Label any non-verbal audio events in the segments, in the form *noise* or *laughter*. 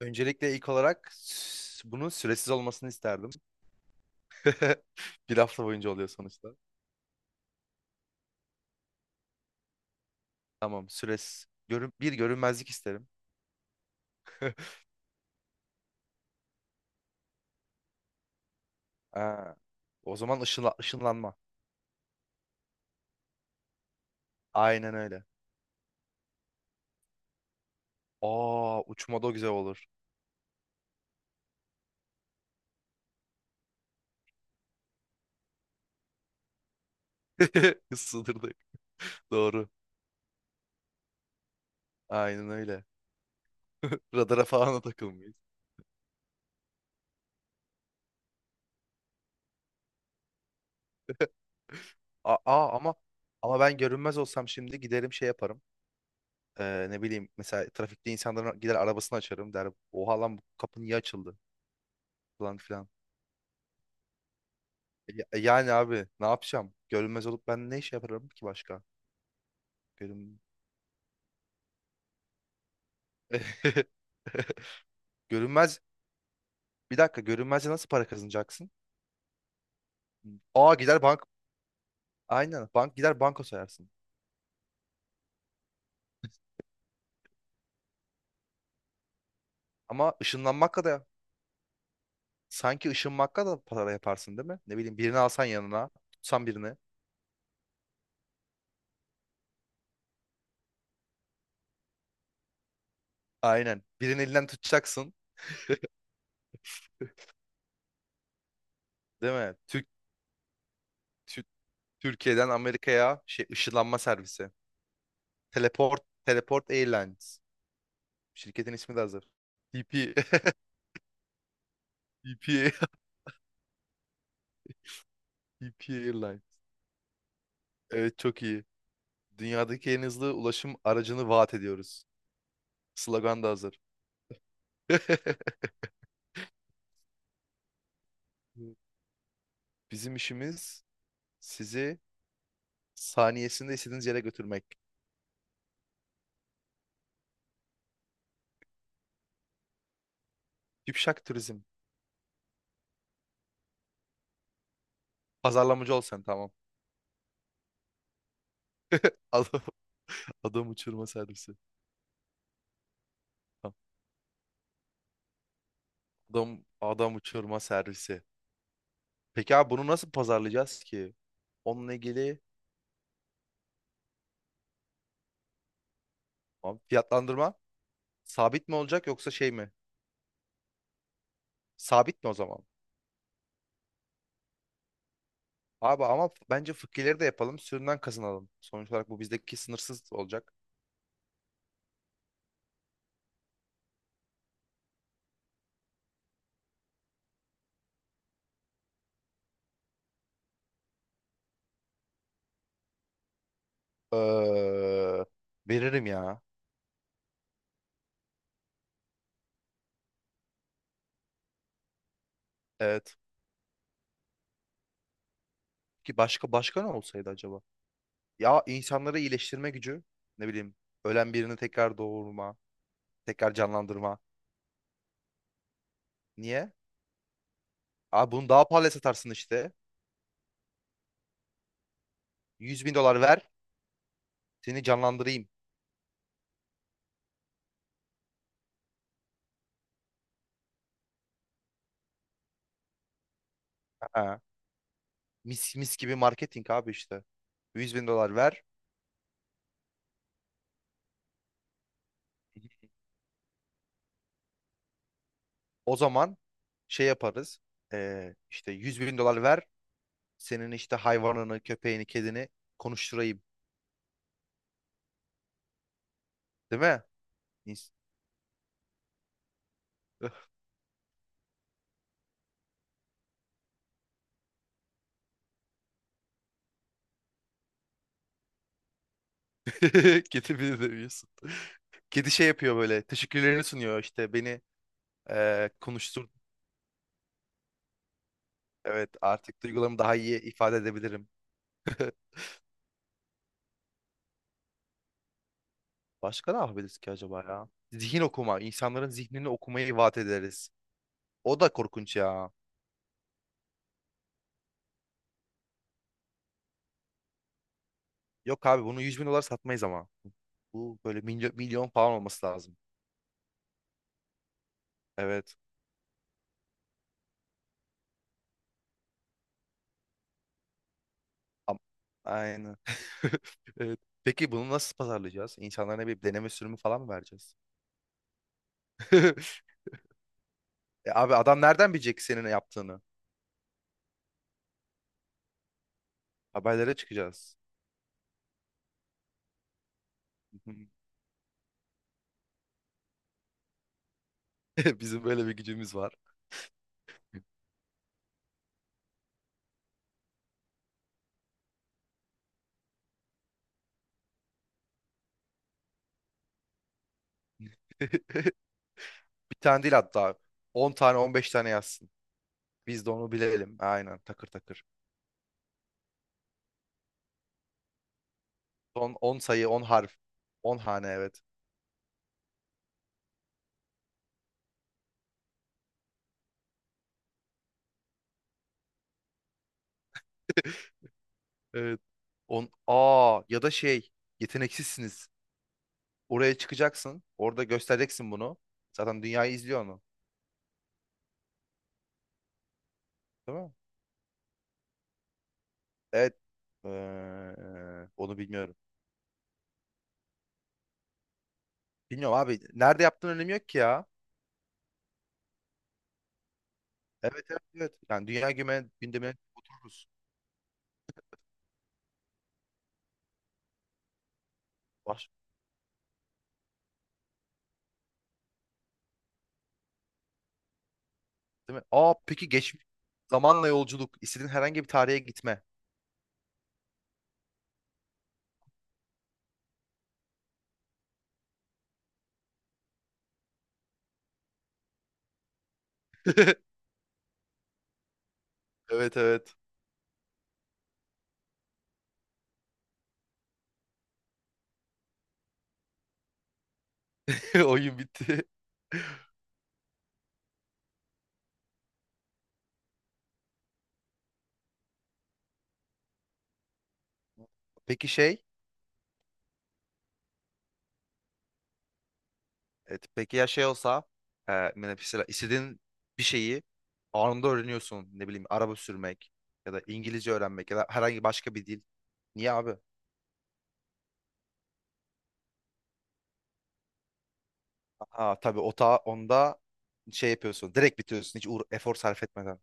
Öncelikle ilk olarak bunun süresiz olmasını isterdim. *laughs* Bir hafta boyunca oluyor sonuçta. Tamam, süresiz. Bir görünmezlik isterim. Aa, o zaman ışınlanma. Aynen öyle. Aa, uçmada o güzel olur. *laughs* Sınırdayım. Doğru. Aynen öyle. Radara falan da takılmayız. Aa, aa, ama ben görünmez olsam şimdi giderim şey yaparım. Ne bileyim, mesela trafikte insanların gider arabasını açarım der. Oha lan, bu kapı niye açıldı falan filan. Yani abi ne yapacağım? Görünmez olup ben ne iş yaparım ki başka? Görün... *laughs* Görünmez. Bir dakika, görünmezce nasıl para kazanacaksın? Aa, gider bank. Aynen, gider banka soyarsın. Ama ışınlanmakla da Sanki ışınmakla da para yaparsın değil mi? Ne bileyim, birini alsan yanına, tutsan birini. Aynen. Birinin elinden tutacaksın değil mi? Tü- Türkiye'den Amerika'ya şey ışınlanma servisi. Teleport Airlines. Şirketin ismi de hazır. TP TP TP *laughs* Airlines. Evet, çok iyi. Dünyadaki en hızlı ulaşım aracını vaat ediyoruz. Slogan da hazır. *laughs* Bizim işimiz sizi saniyesinde istediğiniz yere götürmek. Şipşak turizm. Pazarlamacı ol sen, tamam. Al. *laughs* Adam uçurma servisi. Tamam. Adam adam uçurma servisi. Peki abi bunu nasıl pazarlayacağız ki? Onunla ilgili abi, fiyatlandırma sabit mi olacak yoksa şey mi? Sabit mi o zaman? Abi ama bence fıkkileri de yapalım. Sürümden kazanalım. Sonuç olarak bu bizdeki sınırsız olacak. Ee, Veririm ya. Evet. Ki başka başka ne olsaydı acaba? Ya, insanları iyileştirme gücü. Ne bileyim. Ölen birini tekrar doğurma. Tekrar canlandırma. Niye? Abi bunu daha pahalıya satarsın işte. 100 bin dolar ver. Seni canlandırayım. Ha. Mis, mis gibi marketing abi işte. 100 bin dolar ver. O zaman şey yaparız. İşte 100 bin dolar ver. Senin işte hayvanını, köpeğini, kedini konuşturayım. Değil mi? İns- *laughs* Kedi bile demiyorsun. Kedi şey yapıyor böyle. Teşekkürlerini sunuyor işte. Beni konuştur. Evet, artık duygularımı daha iyi ifade edebilirim. *laughs* Başka ne yapabiliriz ki acaba ya? Zihin okuma. İnsanların zihnini okumayı vaat ederiz. O da korkunç ya. Yok abi, bunu 100 bin dolar satmayız ama. Bu böyle milyon, milyon falan olması lazım. Evet. Am- Aynen. *laughs* Evet. Peki bunu nasıl pazarlayacağız? İnsanlara ne, bir deneme sürümü falan mı vereceğiz? *laughs* Abi, adam nereden bilecek senin ne yaptığını? Haberlere çıkacağız. *laughs* Bizim böyle bir gücümüz var. *laughs* Bir tane değil hatta. 10 tane, 15 tane yazsın. Biz de onu bilelim. Aynen, takır takır. Son 10 sayı, 10 harf. 10 hane, evet. Evet. 10, ya da şey, yeteneksizsiniz. Oraya çıkacaksın. Orada göstereceksin bunu. Zaten dünyayı izliyor onu. Değil mi? Evet. Eee, Onu bilmiyorum. Bilmiyorum abi. Nerede yaptığın önemi yok ki ya. Evet, evet, evet. Yani dünya gündemine otururuz. Baş, Değil mi? Aa, peki geçmiş. Zamanla yolculuk. İstediğin herhangi bir tarihe gitme. *laughs* Evet, evet. *laughs* Oyun bitti. Peki şey Evet, peki ya şey olsa, mesela istediğin bir şeyi anında öğreniyorsun. Ne bileyim, araba sürmek ya da İngilizce öğrenmek ya da herhangi başka bir dil. Niye abi? Aa tabii, o ta onda şey yapıyorsun. Direkt bitiriyorsun, hiç efor sarf etmeden.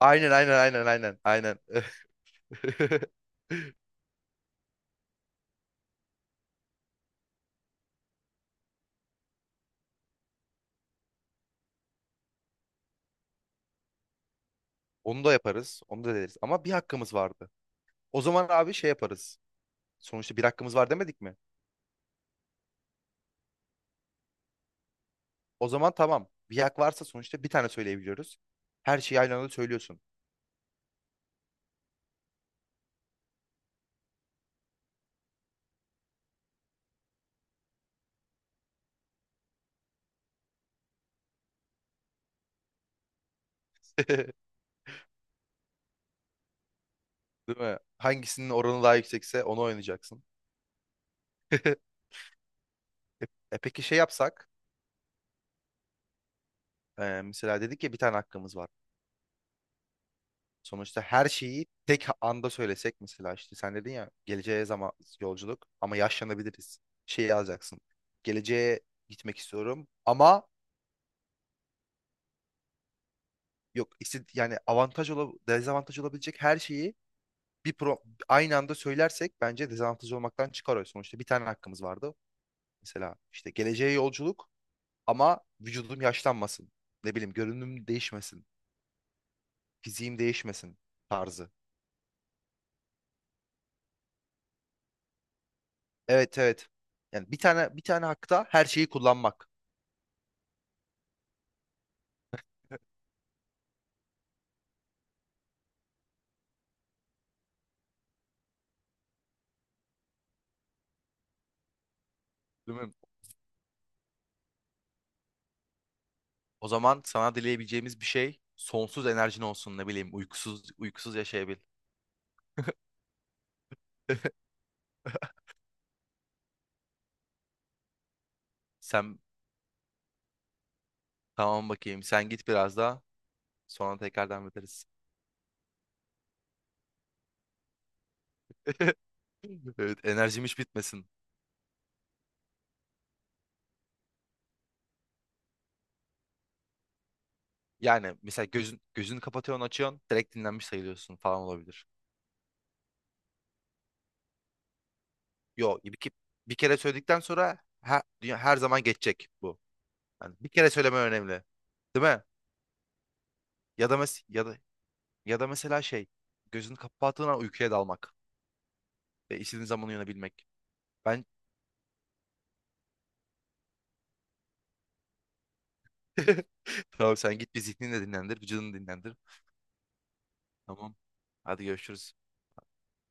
Aynen, aynen, aynen, aynen, aynen. *laughs* Onu da yaparız. Onu da deriz. Ama bir hakkımız vardı. O zaman abi şey yaparız. Sonuçta bir hakkımız var demedik mi? O zaman tamam. Bir hak varsa sonuçta bir tane söyleyebiliyoruz. Her şeyi aynı anda söylüyorsun. *laughs* Değil mi? Hangisinin oranı daha yüksekse onu oynayacaksın. *laughs* E, peki şey yapsak, mesela dedik ya, bir tane hakkımız var. Sonuçta her şeyi tek anda söylesek, mesela işte sen dedin ya, geleceğe zaman yolculuk ama yaşlanabiliriz. Şey yazacaksın. Geleceğe gitmek istiyorum ama yok işte, yani avantaj ol, dezavantaj olabilecek her şeyi bir pro aynı anda söylersek bence dezavantaj olmaktan çıkar o. Sonuçta bir tane hakkımız vardı. Mesela işte geleceğe yolculuk, ama vücudum yaşlanmasın. Ne bileyim, görünüm değişmesin. Fiziğim değişmesin tarzı. Evet, evet. Yani bir tane hakta her şeyi kullanmak. Değil mi? O zaman sana dileyebileceğimiz bir şey, sonsuz enerjin olsun, ne bileyim, uykusuz uykusuz yaşayabil. *laughs* Sen, tamam bakayım, sen git biraz daha sonra tekrardan biteriz. *laughs* Evet, enerjim hiç bitmesin. Yani mesela gözünü kapatıyorsun, açıyorsun, direkt dinlenmiş sayılıyorsun falan olabilir. Yo, bir kere söyledikten sonra her zaman geçecek bu. Yani bir kere söyleme önemli. Değil mi? Ya da mes ya da ya da mesela şey, gözünü kapattığın an uykuya dalmak ve istediğin zaman uyanabilmek. Ben *laughs* tamam, sen git bir zihnini de dinlendir, vücudunu dinlendir. Tamam. Hadi görüşürüz.